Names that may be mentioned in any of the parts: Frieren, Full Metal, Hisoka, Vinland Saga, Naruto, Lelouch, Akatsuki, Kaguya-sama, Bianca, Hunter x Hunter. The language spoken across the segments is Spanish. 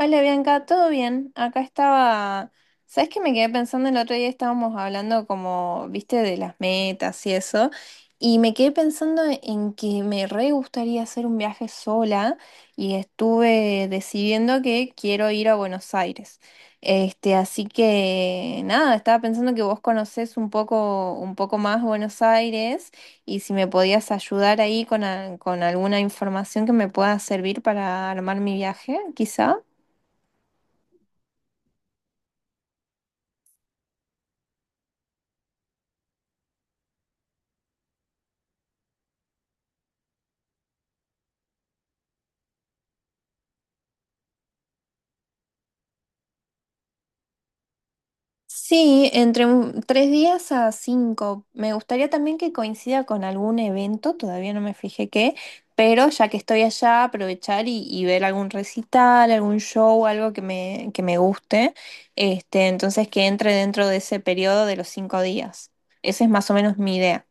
Hola Bianca, ¿todo bien? Acá estaba, ¿sabes qué me quedé pensando el otro día? Estábamos hablando como, viste, de las metas y eso, y me quedé pensando en que me re gustaría hacer un viaje sola y estuve decidiendo que quiero ir a Buenos Aires. Este, así que nada, estaba pensando que vos conocés un poco más Buenos Aires y si me podías ayudar ahí con alguna información que me pueda servir para armar mi viaje, quizá. Sí, tres días a cinco. Me gustaría también que coincida con algún evento, todavía no me fijé qué, pero ya que estoy allá, aprovechar y ver algún recital, algún show, algo que me guste. Este, entonces que entre dentro de ese periodo de los cinco días. Esa es más o menos mi idea.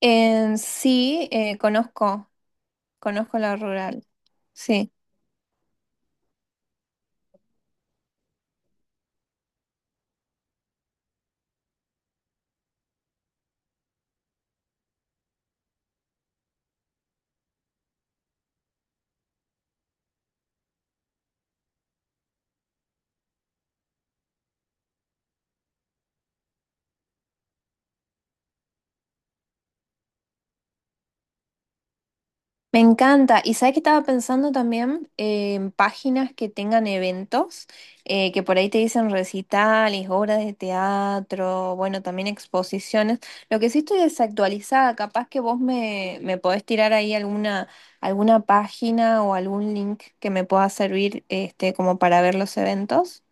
En sí, conozco la rural. Sí. Me encanta. Y sabes que estaba pensando también en páginas que tengan eventos, que por ahí te dicen recitales, obras de teatro, bueno, también exposiciones. Lo que sí estoy desactualizada, capaz que vos me podés tirar ahí alguna página o algún link que me pueda servir este, como para ver los eventos.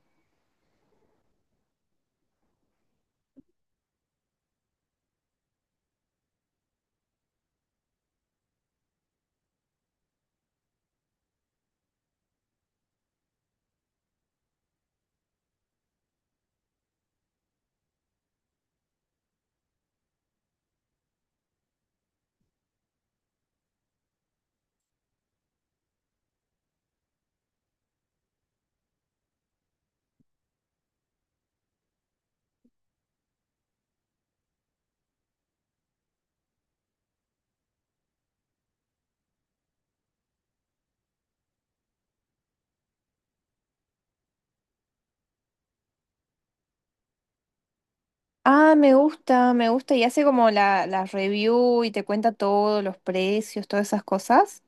Ah, me gusta, me gusta. Y hace como la review y te cuenta todos los precios, todas esas cosas.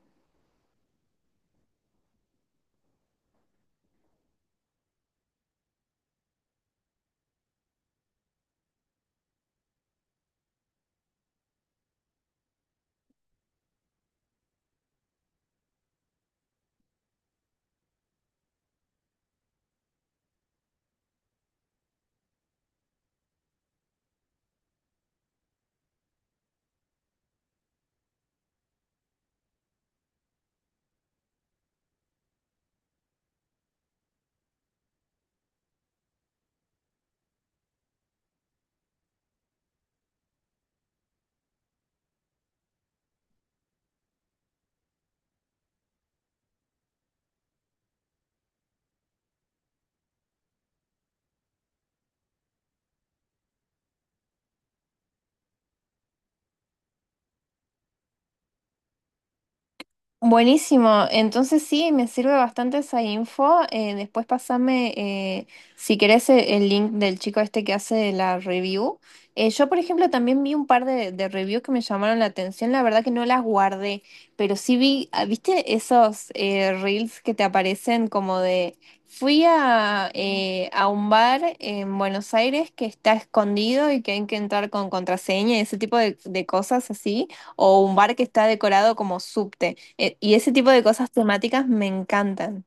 Buenísimo, entonces sí, me sirve bastante esa info. Después pasame, si querés, el link del chico este que hace la review. Yo, por ejemplo, también vi un par de reviews que me llamaron la atención. La verdad que no las guardé, pero sí vi, ah, ¿viste esos reels que te aparecen como de... Fui a un bar en Buenos Aires que está escondido y que hay que entrar con contraseña y ese tipo de cosas así, o un bar que está decorado como subte. Y ese tipo de cosas temáticas me encantan.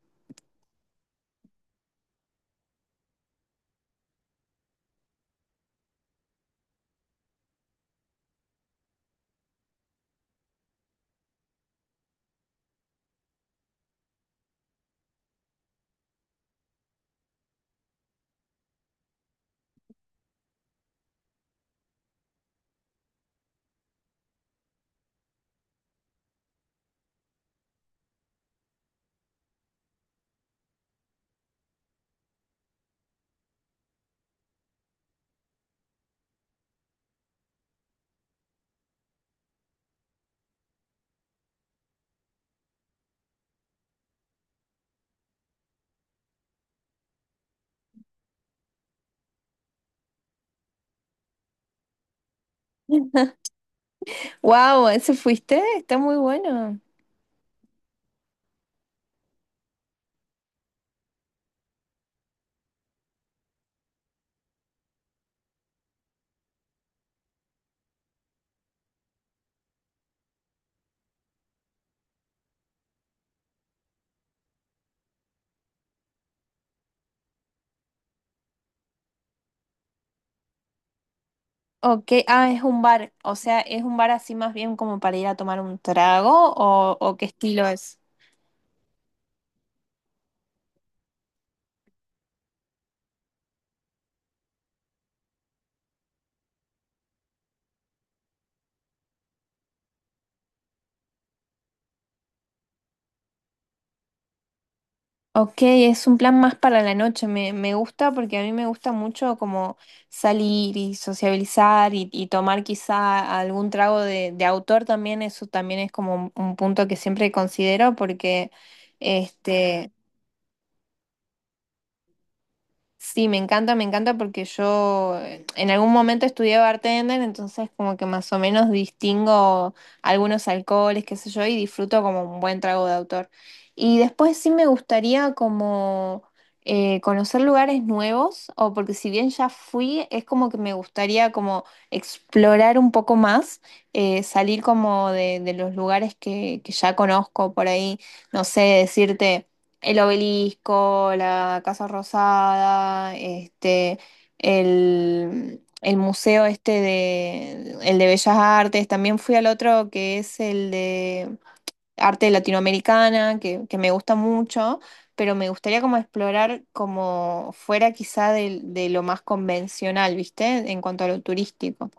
Wow, ¿ese fuiste? Está muy bueno. Ok, ah, es un bar, o sea, es un bar así más bien como para ir a tomar un trago o qué estilo es. Ok, es un plan más para la noche, me gusta porque a mí me gusta mucho como salir y sociabilizar y tomar quizá algún trago de autor también, eso también es como un punto que siempre considero porque este, Sí, me encanta porque yo en algún momento estudié bartender, entonces como que más o menos distingo algunos alcoholes, qué sé yo, y disfruto como un buen trago de autor. Y después sí me gustaría como conocer lugares nuevos, o porque si bien ya fui, es como que me gustaría como explorar un poco más, salir como de los lugares que ya conozco por ahí, no sé, decirte... El obelisco, la Casa Rosada, este, el museo el de Bellas Artes. También fui al otro que es el de arte latinoamericana, que me gusta mucho, pero me gustaría como explorar como fuera quizá de lo más convencional, ¿viste? En cuanto a lo turístico.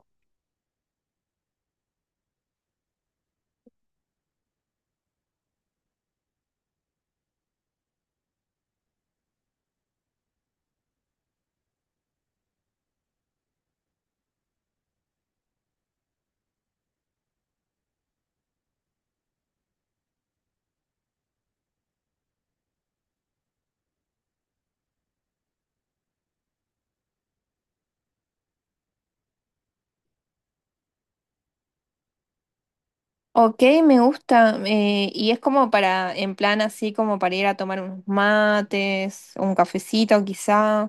Ok, me gusta. Y es como para, en plan así, como para ir a tomar unos mates, un cafecito quizá.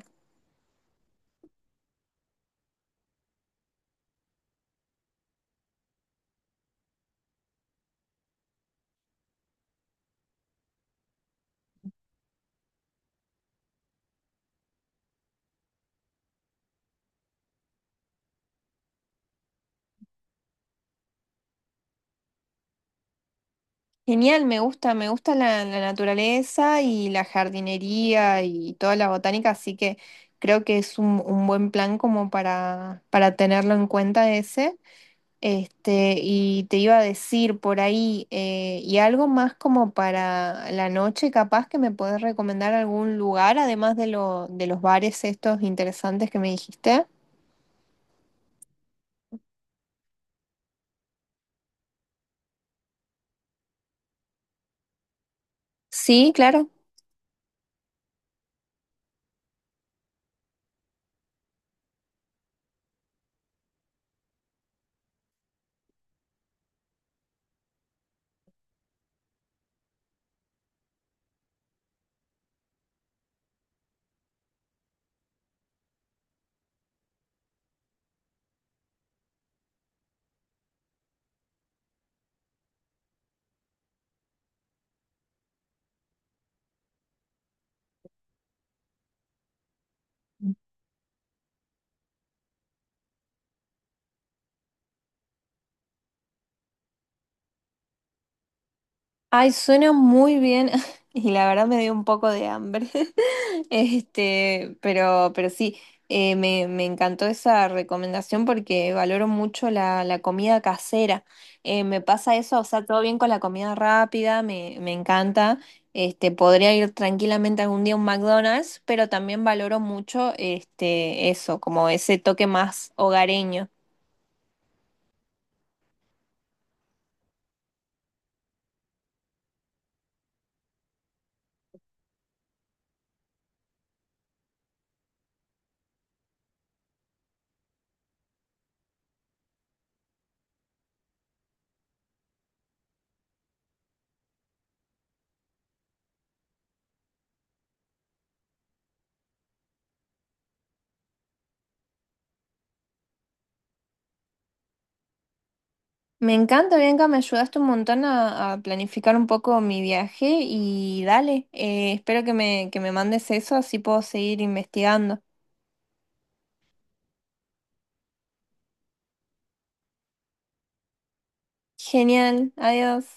Genial, me gusta la naturaleza y la jardinería y toda la botánica, así que creo que es un buen plan como para tenerlo en cuenta ese. Este, y te iba a decir por ahí, y algo más como para la noche, capaz que me puedes recomendar algún lugar, además de lo, de los bares estos interesantes que me dijiste. Sí, claro. Ay, suena muy bien y la verdad me dio un poco de hambre. Este, pero sí, me encantó esa recomendación porque valoro mucho la comida casera. Me pasa eso, o sea, todo bien con la comida rápida, me encanta. Este, podría ir tranquilamente algún día a un McDonald's, pero también valoro mucho este, eso, como ese toque más hogareño. Me encanta, Bianca, me ayudaste un montón a planificar un poco mi viaje y dale, espero que me mandes eso, así puedo seguir investigando. Genial, adiós.